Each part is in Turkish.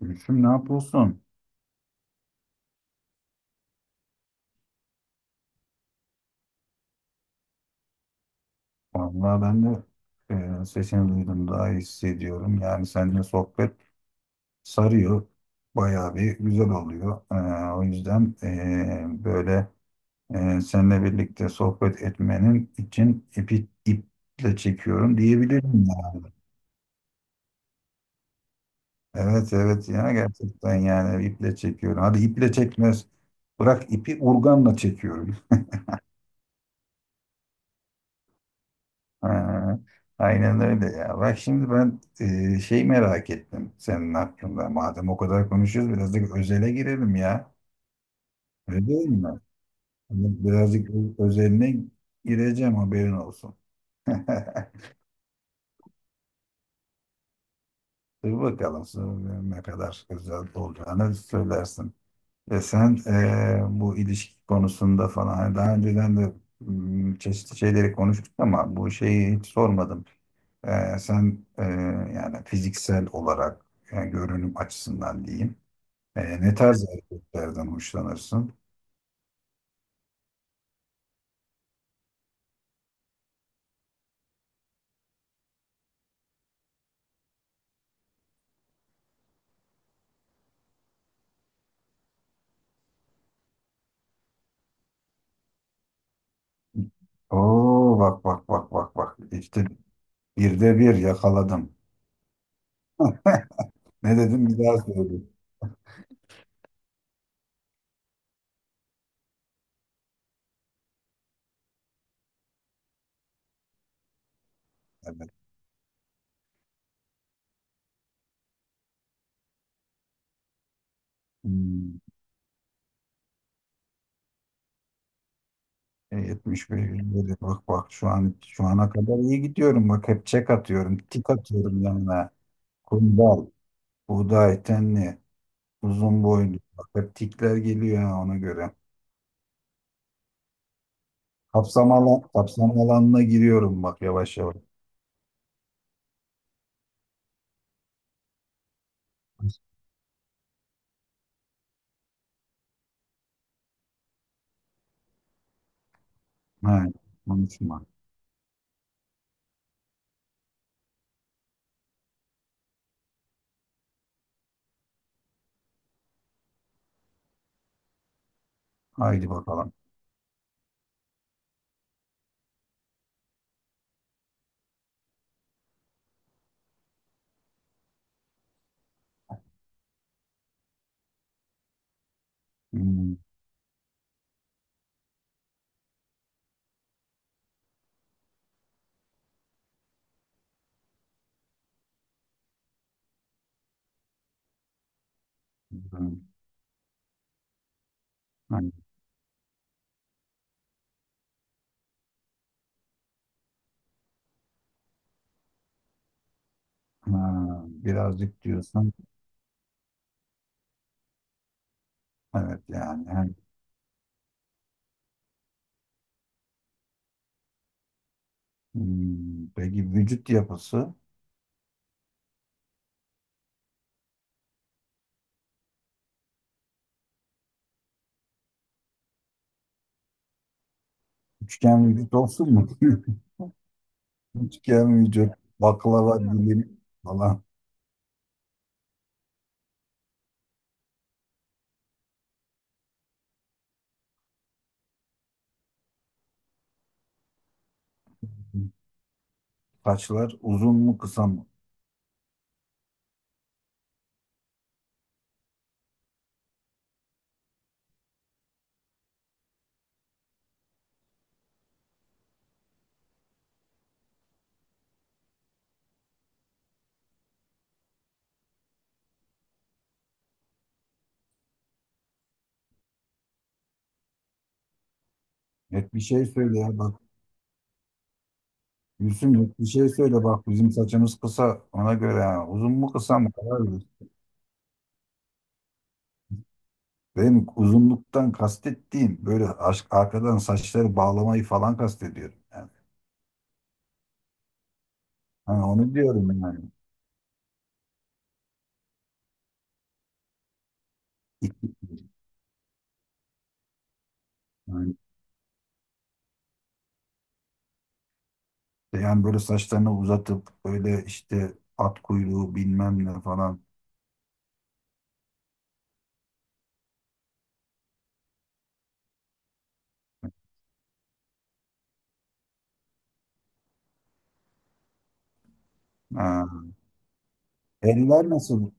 Gülüşüm ne yapıyorsun? Vallahi ben de sesini duydum daha iyi hissediyorum. Yani seninle sohbet sarıyor. Bayağı bir güzel oluyor. O yüzden böyle seninle birlikte sohbet etmenin için iple çekiyorum diyebilirim yani. Evet, evet, ya gerçekten yani iple çekiyorum. Hadi iple çekmez. Bırak ipi urganla çekiyorum. Ha, aynen öyle ya. Bak şimdi ben şey merak ettim senin hakkında. Madem o kadar konuşuyoruz birazcık özele girelim ya. Öyle değil mi? Hani birazcık özeline gireceğim haberin olsun. Dur bakalım sonra ne kadar özel olacağını söylersin. Ve sen bu ilişki konusunda falan hani daha önceden de çeşitli şeyleri konuştuk ama bu şeyi hiç sormadım. Sen yani fiziksel olarak, yani görünüm açısından diyeyim. Ne tarz erkeklerden hoşlanırsın? Oo, bak bak bak bak bak, işte bir yakaladım. Ne dedim bir daha söyle. Evet. Hmm. 71 dedi. Bak bak şu an şu ana kadar iyi gidiyorum. Bak hep çek atıyorum, tik atıyorum yanına. Kundal, buğday, tenli, uzun boylu. Bak hep tikler geliyor ha, ona göre. Kapsam alanına giriyorum bak yavaş yavaş. Ha, konuşma. Haydi bakalım. Hmm, hmm, ha, ha, birazcık diyorsun. Evet yani. Ha. Hmm, peki vücut yapısı? Üçgen vücut olsun mu? Üçgen vücut, baklava dilim falan. Saçlar uzun mu kısa mı? Net bir şey söyle ya. Gülsüm bir şey söyle, bak bizim saçımız kısa ona göre ha. Uzun mu kısa mı karar ver. Benim uzunluktan kastettiğim böyle aşk arkadan saçları bağlamayı falan kastediyorum. Yani. Hani onu diyorum yani. İki- Yani, yani, böyle saçlarını uzatıp böyle işte at kuyruğu bilmem ne falan. Ha. Eller nasıl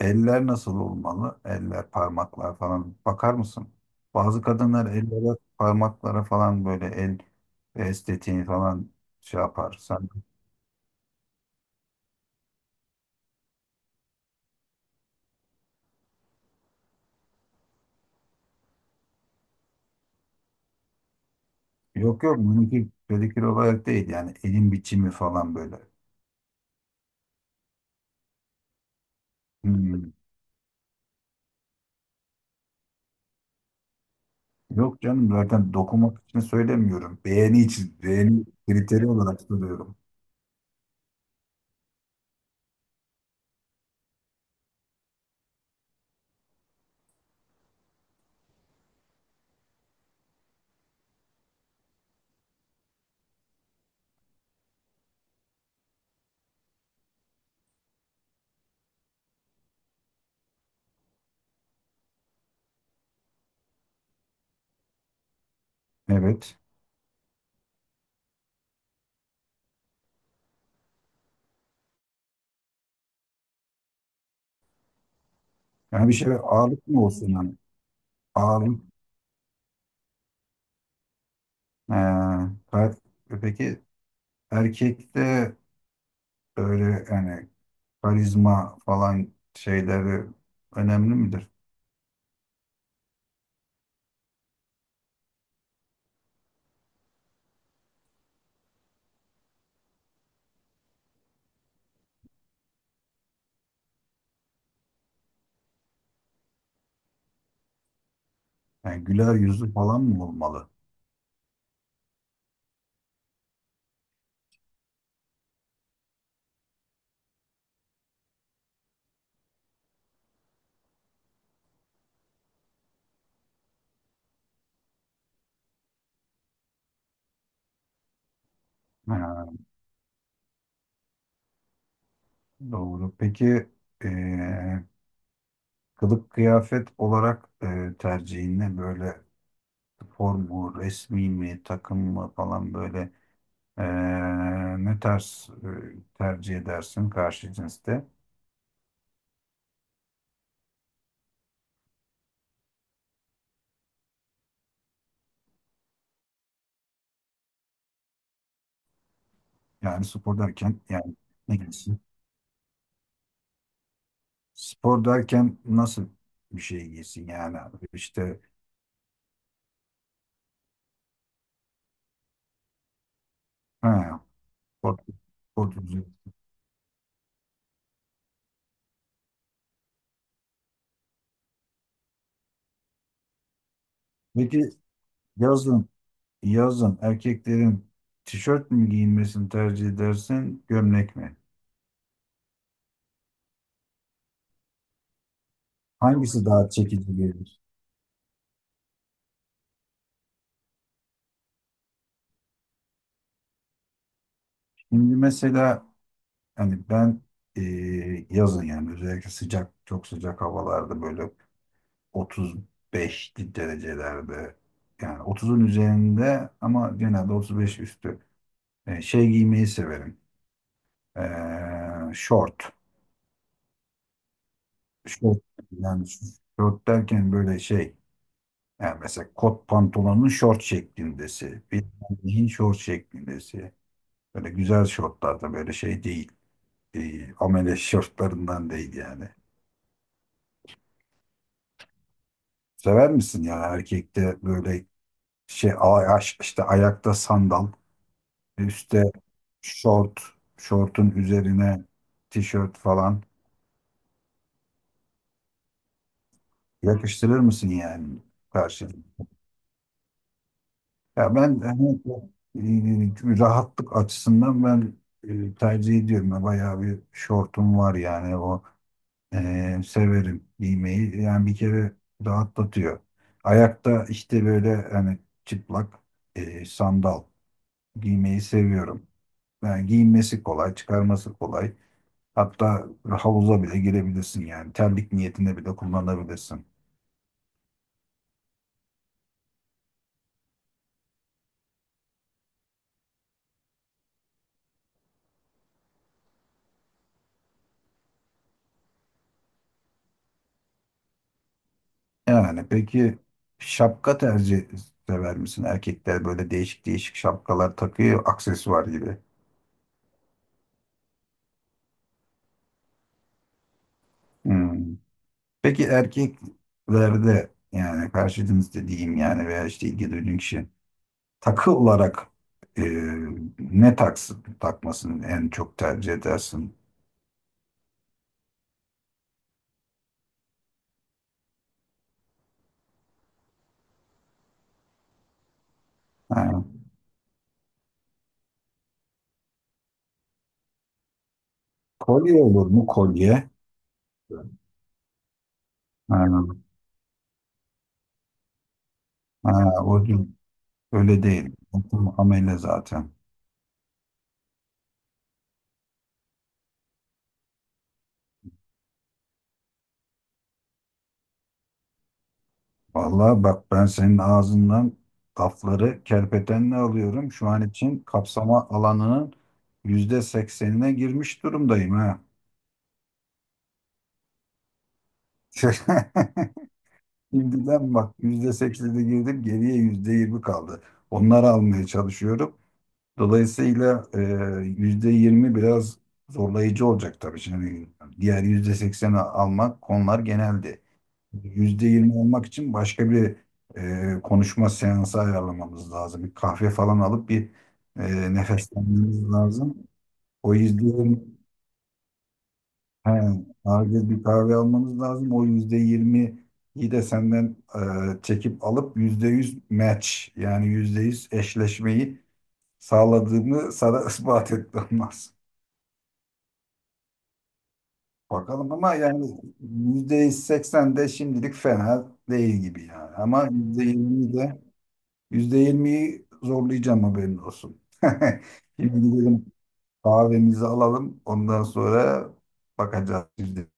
Eller nasıl olmalı? Eller, parmaklar falan. Bakar mısın? Bazı kadınlar ellere, parmaklara falan böyle el estetiğini falan şey yapar. Sen, yok yok, bununki pedikür olarak değil, yani elin biçimi falan böyle. Hmm. Yok canım, zaten dokunmak için söylemiyorum. Beğeni için, beğeni kriteri olarak söylüyorum. Evet. Yani bir şey, ağırlık mı olsun yani? Ağırlık. Ee, kalp- peki erkekte öyle yani karizma falan şeyleri önemli midir? Yani güler yüzü falan mı olmalı? Ha, doğru. Peki eee, kılık kıyafet olarak tercihin ne? Böyle spor mu, resmi mi, takım mı falan, böyle ne tarz tercih edersin karşı cinste? Yani spor derken yani ne giysin? Spor derken nasıl bir şey giysin yani abi? İşte ha, spor, spor düzü. Peki yazın yazın erkeklerin tişört mü giyinmesini tercih edersin gömlek mi? Hangisi daha çekici gelir? Şimdi mesela hani ben e, yazın yani özellikle sıcak çok sıcak havalarda böyle 35 derecelerde, yani 30'un üzerinde ama genelde 35 üstü. Şey giymeyi severim. Short. Short, yani short derken böyle şey. Yani mesela kot pantolonun short şeklindesi. Bir jean short şeklindesi. Böyle güzel şortlar da, böyle şey değil. Amele şortlarından değil yani. Sever misin yani erkekte böyle şey, işte ayakta sandal, üstte short, şortun üzerine tişört falan, yakıştırır mısın yani karşı? Ya ben hani, rahatlık açısından ben tercih ediyorum. Ya, bayağı bir şortum var yani, o severim giymeyi. Yani bir kere rahatlatıyor. Ayakta işte böyle hani çıplak sandal giymeyi seviyorum. Yani giyinmesi kolay, çıkarması kolay. Hatta havuza bile girebilirsin yani. Terlik niyetine bile kullanabilirsin. Yani peki şapka sever misin? Erkekler böyle değişik değişik şapkalar takıyor, aksesuar gibi. Hmm. Peki erkeklerde yani karşı cins dediğim yani, veya işte ilgi duyduğun kişi takı olarak e, ne taksın, takmasını en çok tercih edersin? Ha, kolye olur mu kolye? Ha, ha, o değil. Öyle değil. Amel'e zaten. Vallahi bak, ben senin ağzından lafları kerpetenle alıyorum. Şu an için kapsama alanının %80'ine girmiş durumdayım ha. Şimdiden bak, %80'e girdim, geriye %20 kaldı. Onları almaya çalışıyorum. Dolayısıyla %20 biraz zorlayıcı olacak tabii. Şimdi diğer %80'i almak, konular geneldi. %20 olmak için başka bir konuşma seansı ayarlamamız lazım. Bir kahve falan alıp bir nefeslenmemiz lazım. O %20, he, acil bir kahve almamız lazım. O %20'yi de senden çekip alıp %100 match, yani %100 eşleşmeyi sağladığımı sana ispat etmem lazım. Bakalım ama yani %80 de şimdilik fena değil gibi yani. Ama %20'yi de, %20'yi zorlayacağım haberin olsun. Şimdi gidelim kahvemizi alalım. Ondan sonra bakacağız.